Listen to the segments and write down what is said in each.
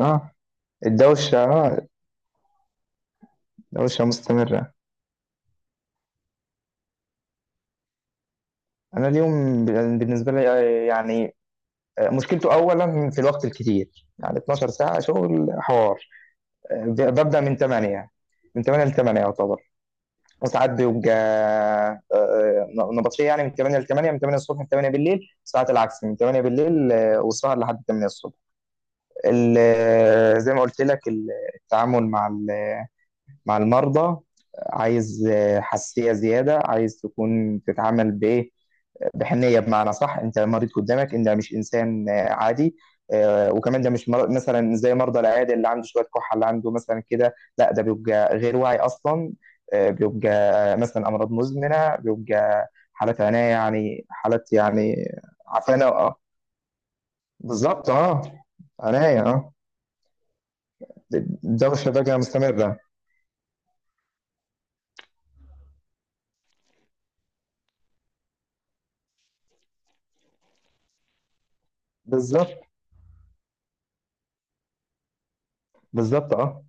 اه. الدوشة اه الدوشة مستمرة. أنا اليوم بالنسبة لي، يعني، مشكلته أولا في الوقت الكتير، يعني 12 ساعة شغل حوار. ببدأ من 8، من 8 ل 8 يعتبر. وساعات بيبقى نبطشية، يعني من 8 ل 8، من 8 الصبح ل 8 بالليل، ساعات العكس من 8 بالليل، والسهر لحد 8 الصبح. زي ما قلت لك، التعامل مع المرضى عايز حساسية زيادة، عايز تكون تتعامل بإيه؟ بحنية، بمعنى صح، أنت المريض قدامك، أنت مش إنسان عادي. وكمان ده مش مثلا زي مرضى العيادة اللي عنده شوية كحة، اللي عنده مثلا كده. لا، ده بيبقى غير واعي أصلا. آه، بيبقى آه، مثلا أمراض مزمنة، بيبقى حالات عناية، يعني حالات، يعني عفانة، بالظبط، أه. عناية، أه. دوشة بقى مستمرة. بالظبط، بالظبط، أه.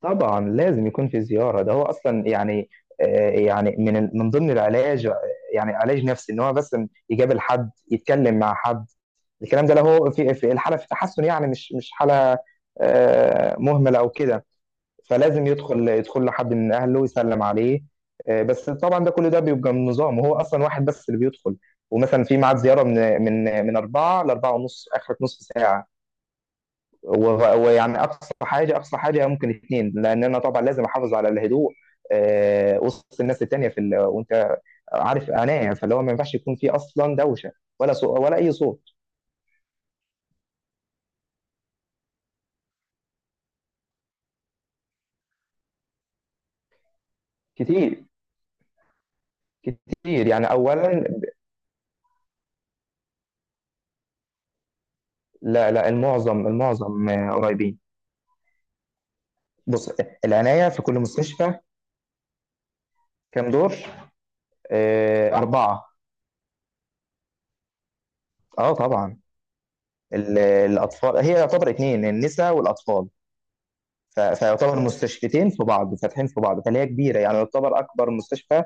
طبعا لازم يكون في زيارة، ده هو أصلا، يعني يعني من من ضمن العلاج، يعني علاج نفسي، إن هو بس يقابل حد، يتكلم مع حد. الكلام ده له في الحالة في تحسن، يعني مش حالة مهملة أو كده. فلازم يدخل لحد من أهله ويسلم عليه. بس طبعا ده، كل ده بيبقى من نظام، وهو أصلا واحد بس اللي بيدخل. ومثلا في ميعاد زيارة من أربعة لأربعة ونص، آخرة نص ساعة. ويعني اقصى حاجه، اقصى حاجه ممكن اتنين، لان انا طبعا لازم احافظ على الهدوء وسط الناس التانيه في وانت عارف انايا، فاللي هو ما ينفعش يكون في اصلا دوشه، ولا ولا اي صوت. كتير، كتير يعني اولا. لا، لا، المعظم المعظم قريبين. بص، العنايه في كل مستشفى كام دور؟ اربعه. اه طبعا. الاطفال هي يعتبر اتنين، النساء والاطفال. فيعتبر مستشفيتين في بعض، فاتحين في بعض، فهي كبيرة، يعني يعتبر أكبر مستشفى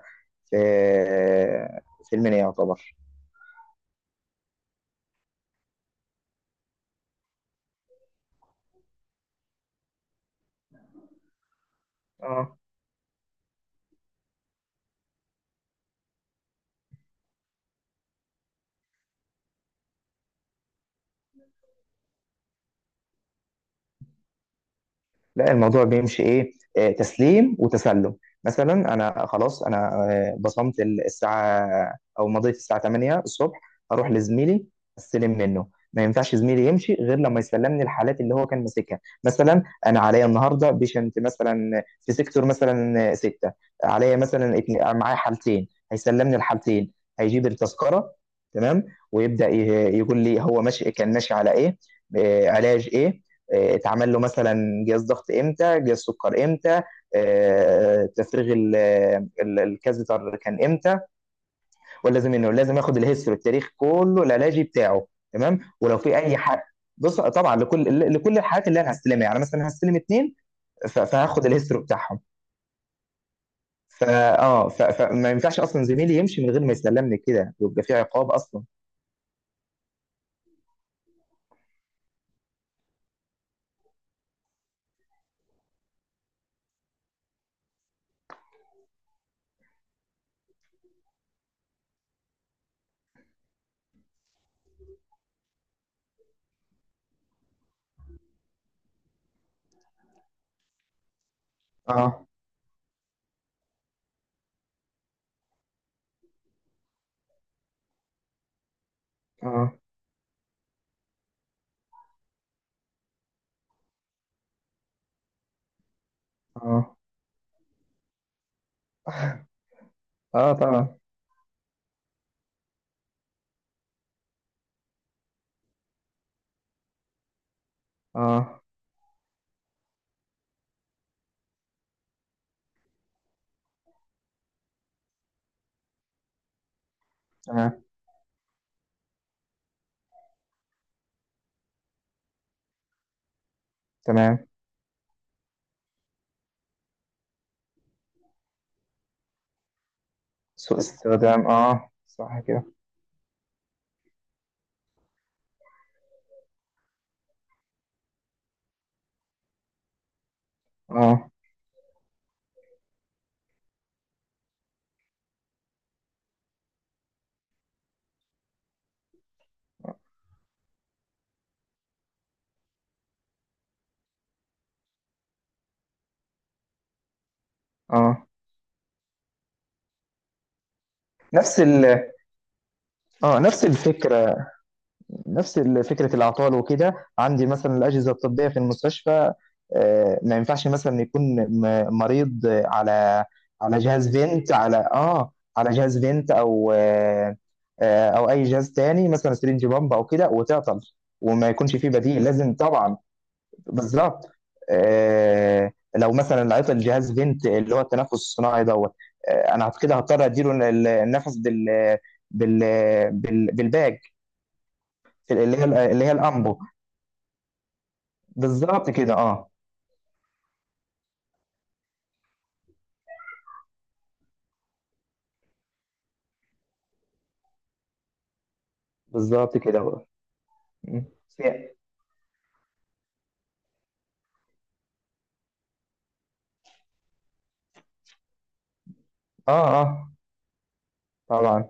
في المنيا يعتبر. اه. لا، الموضوع بيمشي ايه، تسليم وتسلم. مثلا انا خلاص، انا بصمت الساعه، او مضيت الساعه 8 الصبح. اروح لزميلي، استلم منه. ما ينفعش زميلي يمشي غير لما يسلمني الحالات اللي هو كان ماسكها. مثلا انا عليا النهارده بيشنت مثلا في سيكتور مثلا ستة. عليا مثلا معايا حالتين، هيسلمني الحالتين، هيجيب التذكره، تمام. ويبدا يقول لي هو ماشي، كان ماشي على ايه، علاج ايه، اتعمل له مثلا جهاز ضغط امتى، جهاز سكر امتى، آه، تفريغ ال- الكازيتر كان امتى. ولازم انه لازم ياخد الهيستوري، التاريخ كله العلاجي بتاعه، تمام. ولو في اي حاجه. بص طبعا لكل الحالات اللي انا هستلمها، يعني مثلا هستلم اتنين، فهاخد الهيستوري بتاعهم. فما ينفعش اصلا زميلي يمشي من غير ما يسلمني كده، ويبقى في عقاب اصلا. اه، اه، اه، اه طبعا، اه، تمام، تمام. سوء استخدام، اه صح كده. اه، اه، نفس ال اه نفس الفكره، نفس فكره الاعطال وكده. عندي مثلا الاجهزه الطبيه في المستشفى، ما ينفعش مثلا يكون مريض على جهاز فينت، على اه على جهاز فينت، او او اي جهاز تاني مثلا سرنج بامب او كده وتعطل، وما يكونش فيه بديل، لازم طبعا. بالظبط. آه لو مثلا عطل جهاز فينت، اللي هو التنفس الصناعي دوت. آه انا كده هضطر اديله النفس بال بالباج، اللي هي الامبو. بالظبط كده، اه. بالظبط كده هو. م. اه، اه طبعا.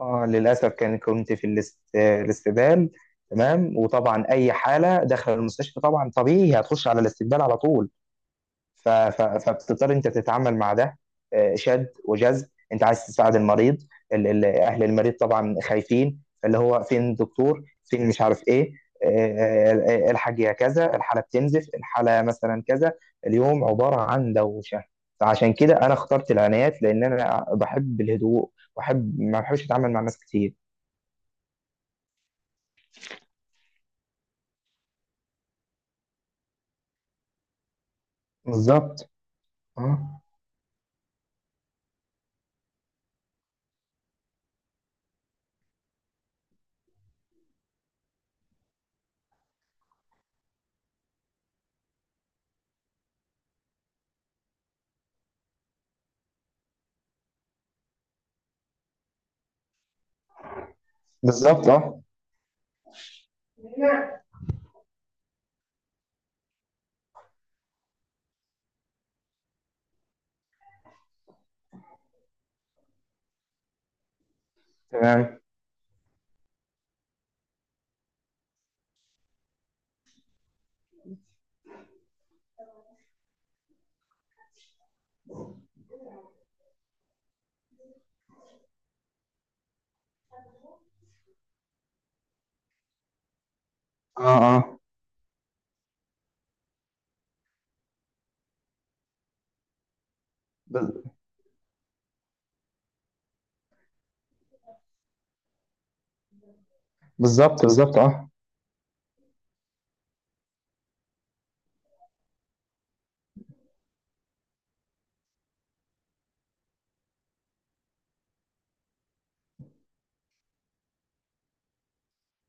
اه للاسف كان كنت في الاستبدال، تمام. وطبعا اي حاله داخل المستشفى طبعا طبيعي هتخش على الاستبدال على طول. فبتضطر انت تتعامل مع ده، شد وجذب، انت عايز تساعد المريض، اهل المريض طبعا خايفين، اللي هو فين الدكتور، فين، مش عارف ايه، آه، الحاج يا كذا، الحاله بتنزف، الحاله مثلا كذا. اليوم عباره عن دوشه. فعشان كده انا اخترت العنايات، لان انا بحب الهدوء، واحب، ما بحبش اتعامل مع ناس كتير. بالظبط، اه. بالظبط، اه. تمام، اه، اه، بال- بالظبط، بالظبط، اه.